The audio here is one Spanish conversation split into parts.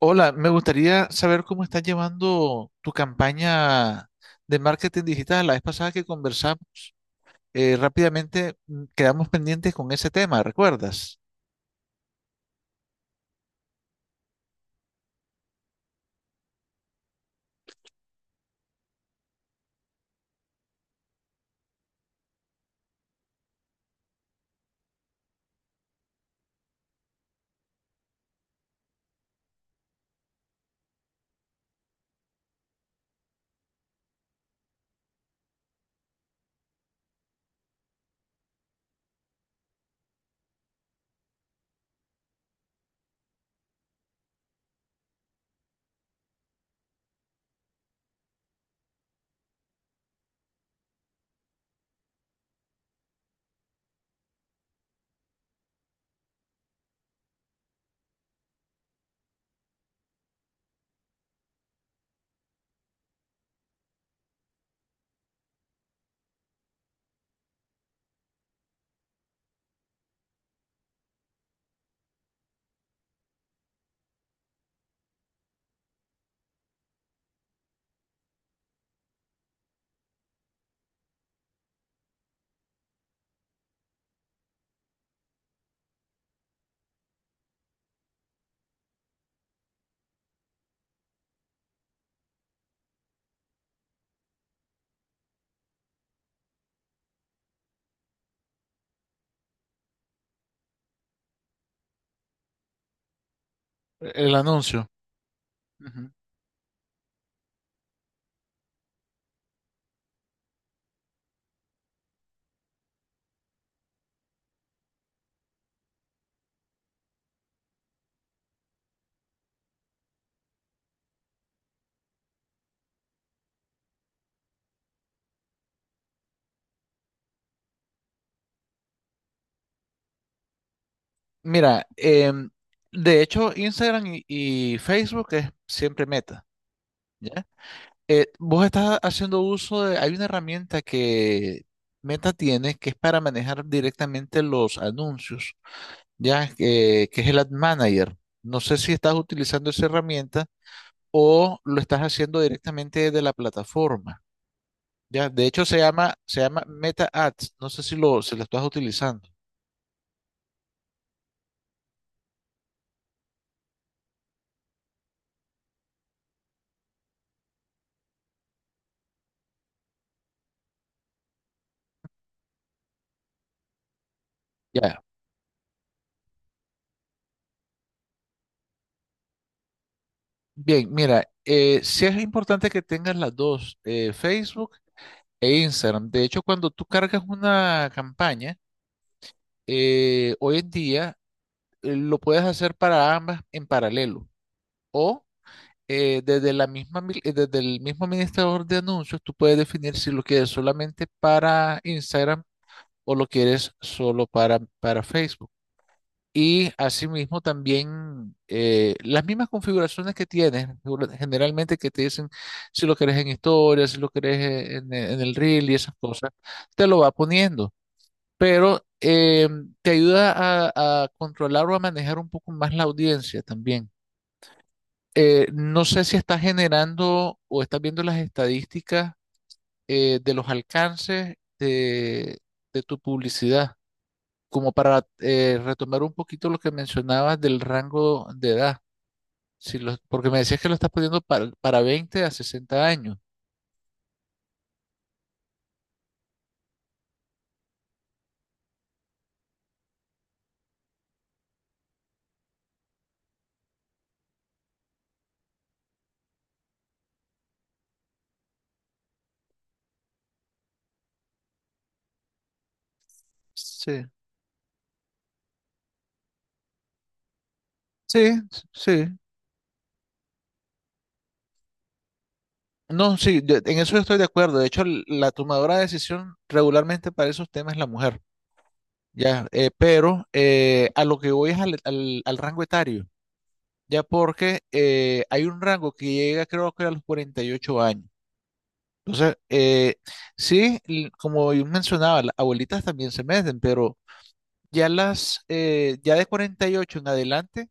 Hola, me gustaría saber cómo estás llevando tu campaña de marketing digital. La vez pasada que conversamos, rápidamente quedamos pendientes con ese tema, ¿recuerdas? El anuncio. Ujú. Mira, de hecho, Instagram y Facebook es siempre Meta, ¿ya? Vos estás haciendo uso de, hay una herramienta que Meta tiene que es para manejar directamente los anuncios ya, que es el Ad Manager. No sé si estás utilizando esa herramienta o lo estás haciendo directamente de la plataforma. Ya, de hecho se llama Meta Ads. No sé si lo estás utilizando. Ya. Bien, mira, sí es importante que tengas las dos, Facebook e Instagram. De hecho, cuando tú cargas una campaña, hoy en día lo puedes hacer para ambas en paralelo. O desde la misma, mil- desde el mismo administrador de anuncios, tú puedes definir si lo quieres solamente para Instagram o lo quieres solo para Facebook. Y asimismo también las mismas configuraciones que tienes, generalmente que te dicen si lo querés en historia, si lo querés en el reel y esas cosas, te lo va poniendo. Pero te ayuda a controlar o a manejar un poco más la audiencia también. No sé si estás generando o estás viendo las estadísticas de los alcances de tu publicidad, como para retomar un poquito lo que mencionabas del rango de edad, si lo- porque me decías que lo estás poniendo para 20 a 60 años. Sí, sí, sí. No, sí, en eso yo estoy de acuerdo. De hecho, la tomadora de decisión regularmente para esos temas es la mujer, ya, pero a lo que voy es al al rango etario. Ya porque hay un rango que llega creo que a los 48 años. Entonces, sí, como yo mencionaba, las abuelitas también se meten, pero ya las, ya de 48 en adelante,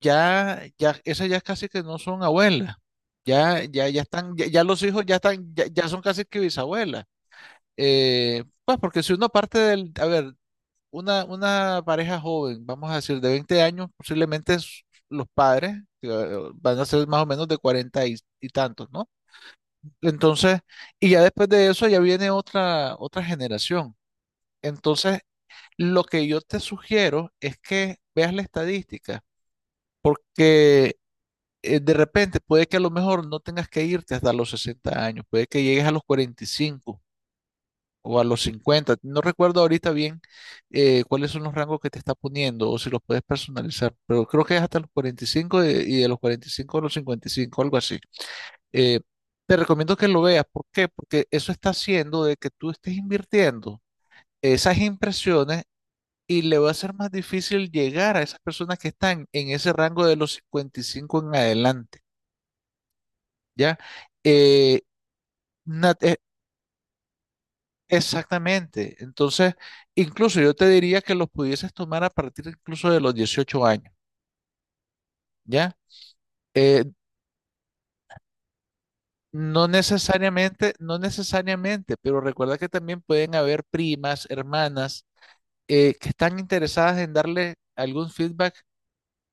ya, ya, esas ya casi que no son abuelas. Ya, ya, ya están, ya, ya los hijos ya están, ya, ya son casi que bisabuelas. Pues porque si uno parte del, a ver, una pareja joven, vamos a decir, de 20 años, posiblemente los padres que, van a ser más o menos de 40 y tantos, ¿no? Entonces, y ya después de eso ya viene otra generación. Entonces, lo que yo te sugiero es que veas la estadística, porque de repente puede que a lo mejor no tengas que irte hasta los 60 años, puede que llegues a los 45 o a los 50. No recuerdo ahorita bien cuáles son los rangos que te está poniendo o si los puedes personalizar, pero creo que es hasta los 45 y de los 45 a los 55 algo así. Eh, te recomiendo que lo veas. ¿Por qué? Porque eso está haciendo de que tú estés invirtiendo esas impresiones y le va a ser más difícil llegar a esas personas que están en ese rango de los 55 en adelante, ¿ya? Eh, nat- Exactamente. Entonces, incluso yo te diría que los pudieses tomar a partir incluso de los 18 años, ¿ya? Eh, no necesariamente, no necesariamente, pero recuerda que también pueden haber primas, hermanas, que están interesadas en darle algún feedback,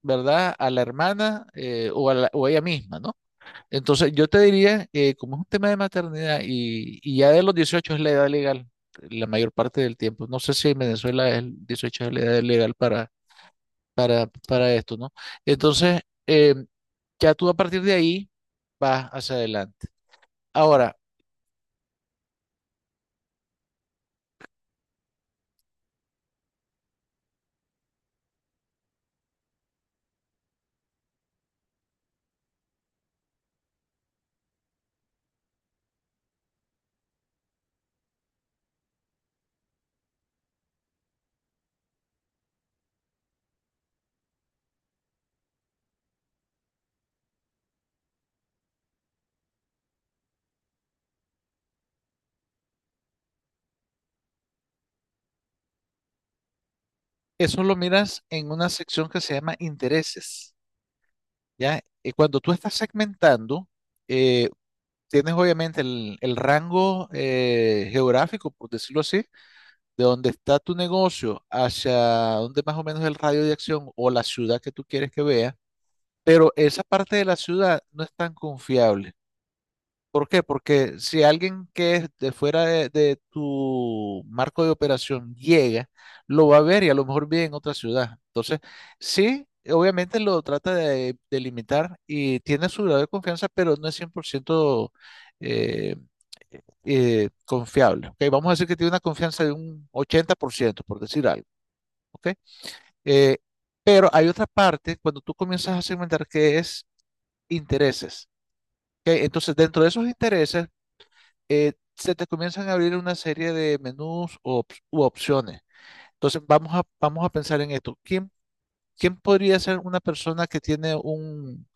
¿verdad? A la hermana o a ella misma, ¿no? Entonces, yo te diría, como es un tema de maternidad y ya de los 18 es la edad legal, la mayor parte del tiempo. No sé si en Venezuela el 18 es la edad legal para para esto, ¿no? Entonces, eh, ya tú a partir de ahí vas hacia adelante. Ahora, eso lo miras en una sección que se llama intereses, ¿ya? Y cuando tú estás segmentando, eh, tienes obviamente el rango geográfico, por decirlo así, de donde está tu negocio hacia donde más o menos el radio de acción o la ciudad que tú quieres que vea, pero esa parte de la ciudad no es tan confiable. ¿Por qué? Porque si alguien que es de fuera de tu marco de operación llega, lo va a ver y a lo mejor vive en otra ciudad. Entonces, sí, obviamente lo trata de limitar y tiene su grado de confianza, pero no es 100% eh, confiable. ¿OK? Vamos a decir que tiene una confianza de un 80%, por ciento, por decir algo. ¿OK? Eh, pero hay otra parte cuando tú comienzas a segmentar que es intereses. ¿OK? Entonces, dentro de esos intereses se te comienzan a abrir una serie de menús u opciones. Entonces, vamos a pensar en esto. ¿Quién podría ser una persona que tiene un,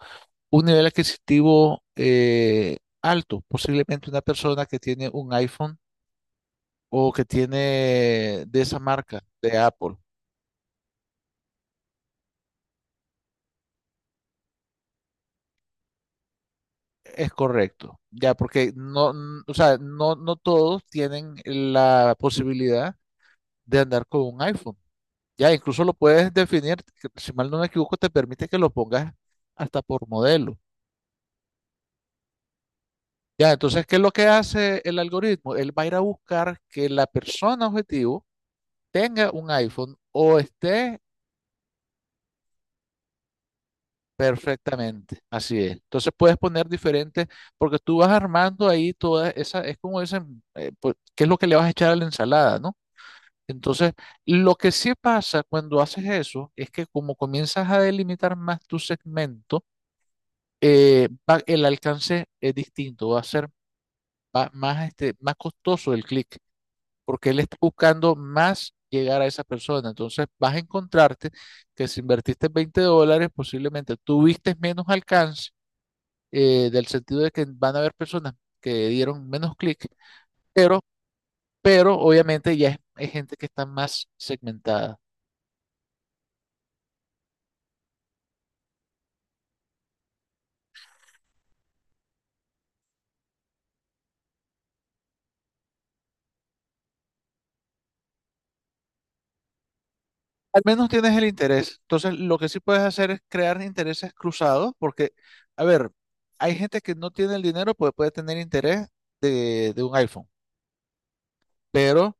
un nivel adquisitivo alto? Posiblemente una persona que tiene un iPhone o que tiene de esa marca, de Apple. Es correcto, ya, porque no, o sea, no, no todos tienen la posibilidad de andar con un iPhone. Ya incluso lo puedes definir, que si mal no me equivoco, te permite que lo pongas hasta por modelo. Ya, entonces, ¿qué es lo que hace el algoritmo? Él va a ir a buscar que la persona objetivo tenga un iPhone o esté. Perfectamente. Así es. Entonces puedes poner diferentes, porque tú vas armando ahí toda esa, es como dicen, pues, qué es lo que le vas a echar a la ensalada, ¿no? Entonces, lo que sí pasa cuando haces eso es que como comienzas a delimitar más tu segmento, el alcance es distinto, va a ser más, este, más costoso el clic, porque él está buscando más llegar a esa persona. Entonces vas a encontrarte que si invertiste $20, posiblemente tuviste menos alcance, del sentido de que van a haber personas que dieron menos clic, pero, pero obviamente ya es gente que está más segmentada. Al menos tienes el interés. Entonces, lo que sí puedes hacer es crear intereses cruzados, porque, a ver, hay gente que no tiene el dinero, pues puede tener interés de un iPhone. Pero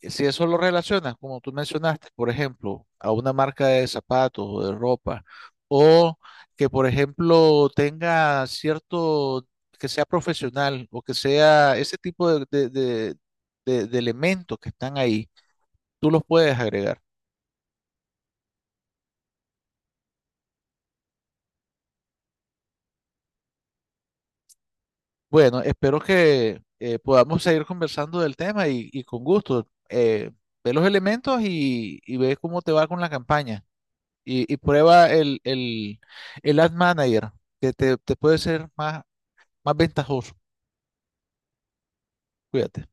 si eso lo relacionas, como tú mencionaste, por ejemplo, a una marca de zapatos o de ropa, o que, por ejemplo, tenga cierto, que sea profesional o que sea ese tipo de elementos que están ahí, tú los puedes agregar. Bueno, espero que podamos seguir conversando del tema y con gusto. Ve los elementos y ve cómo te va con la campaña. Y prueba el Ad Manager, que te puede ser más ventajoso. Cuídate.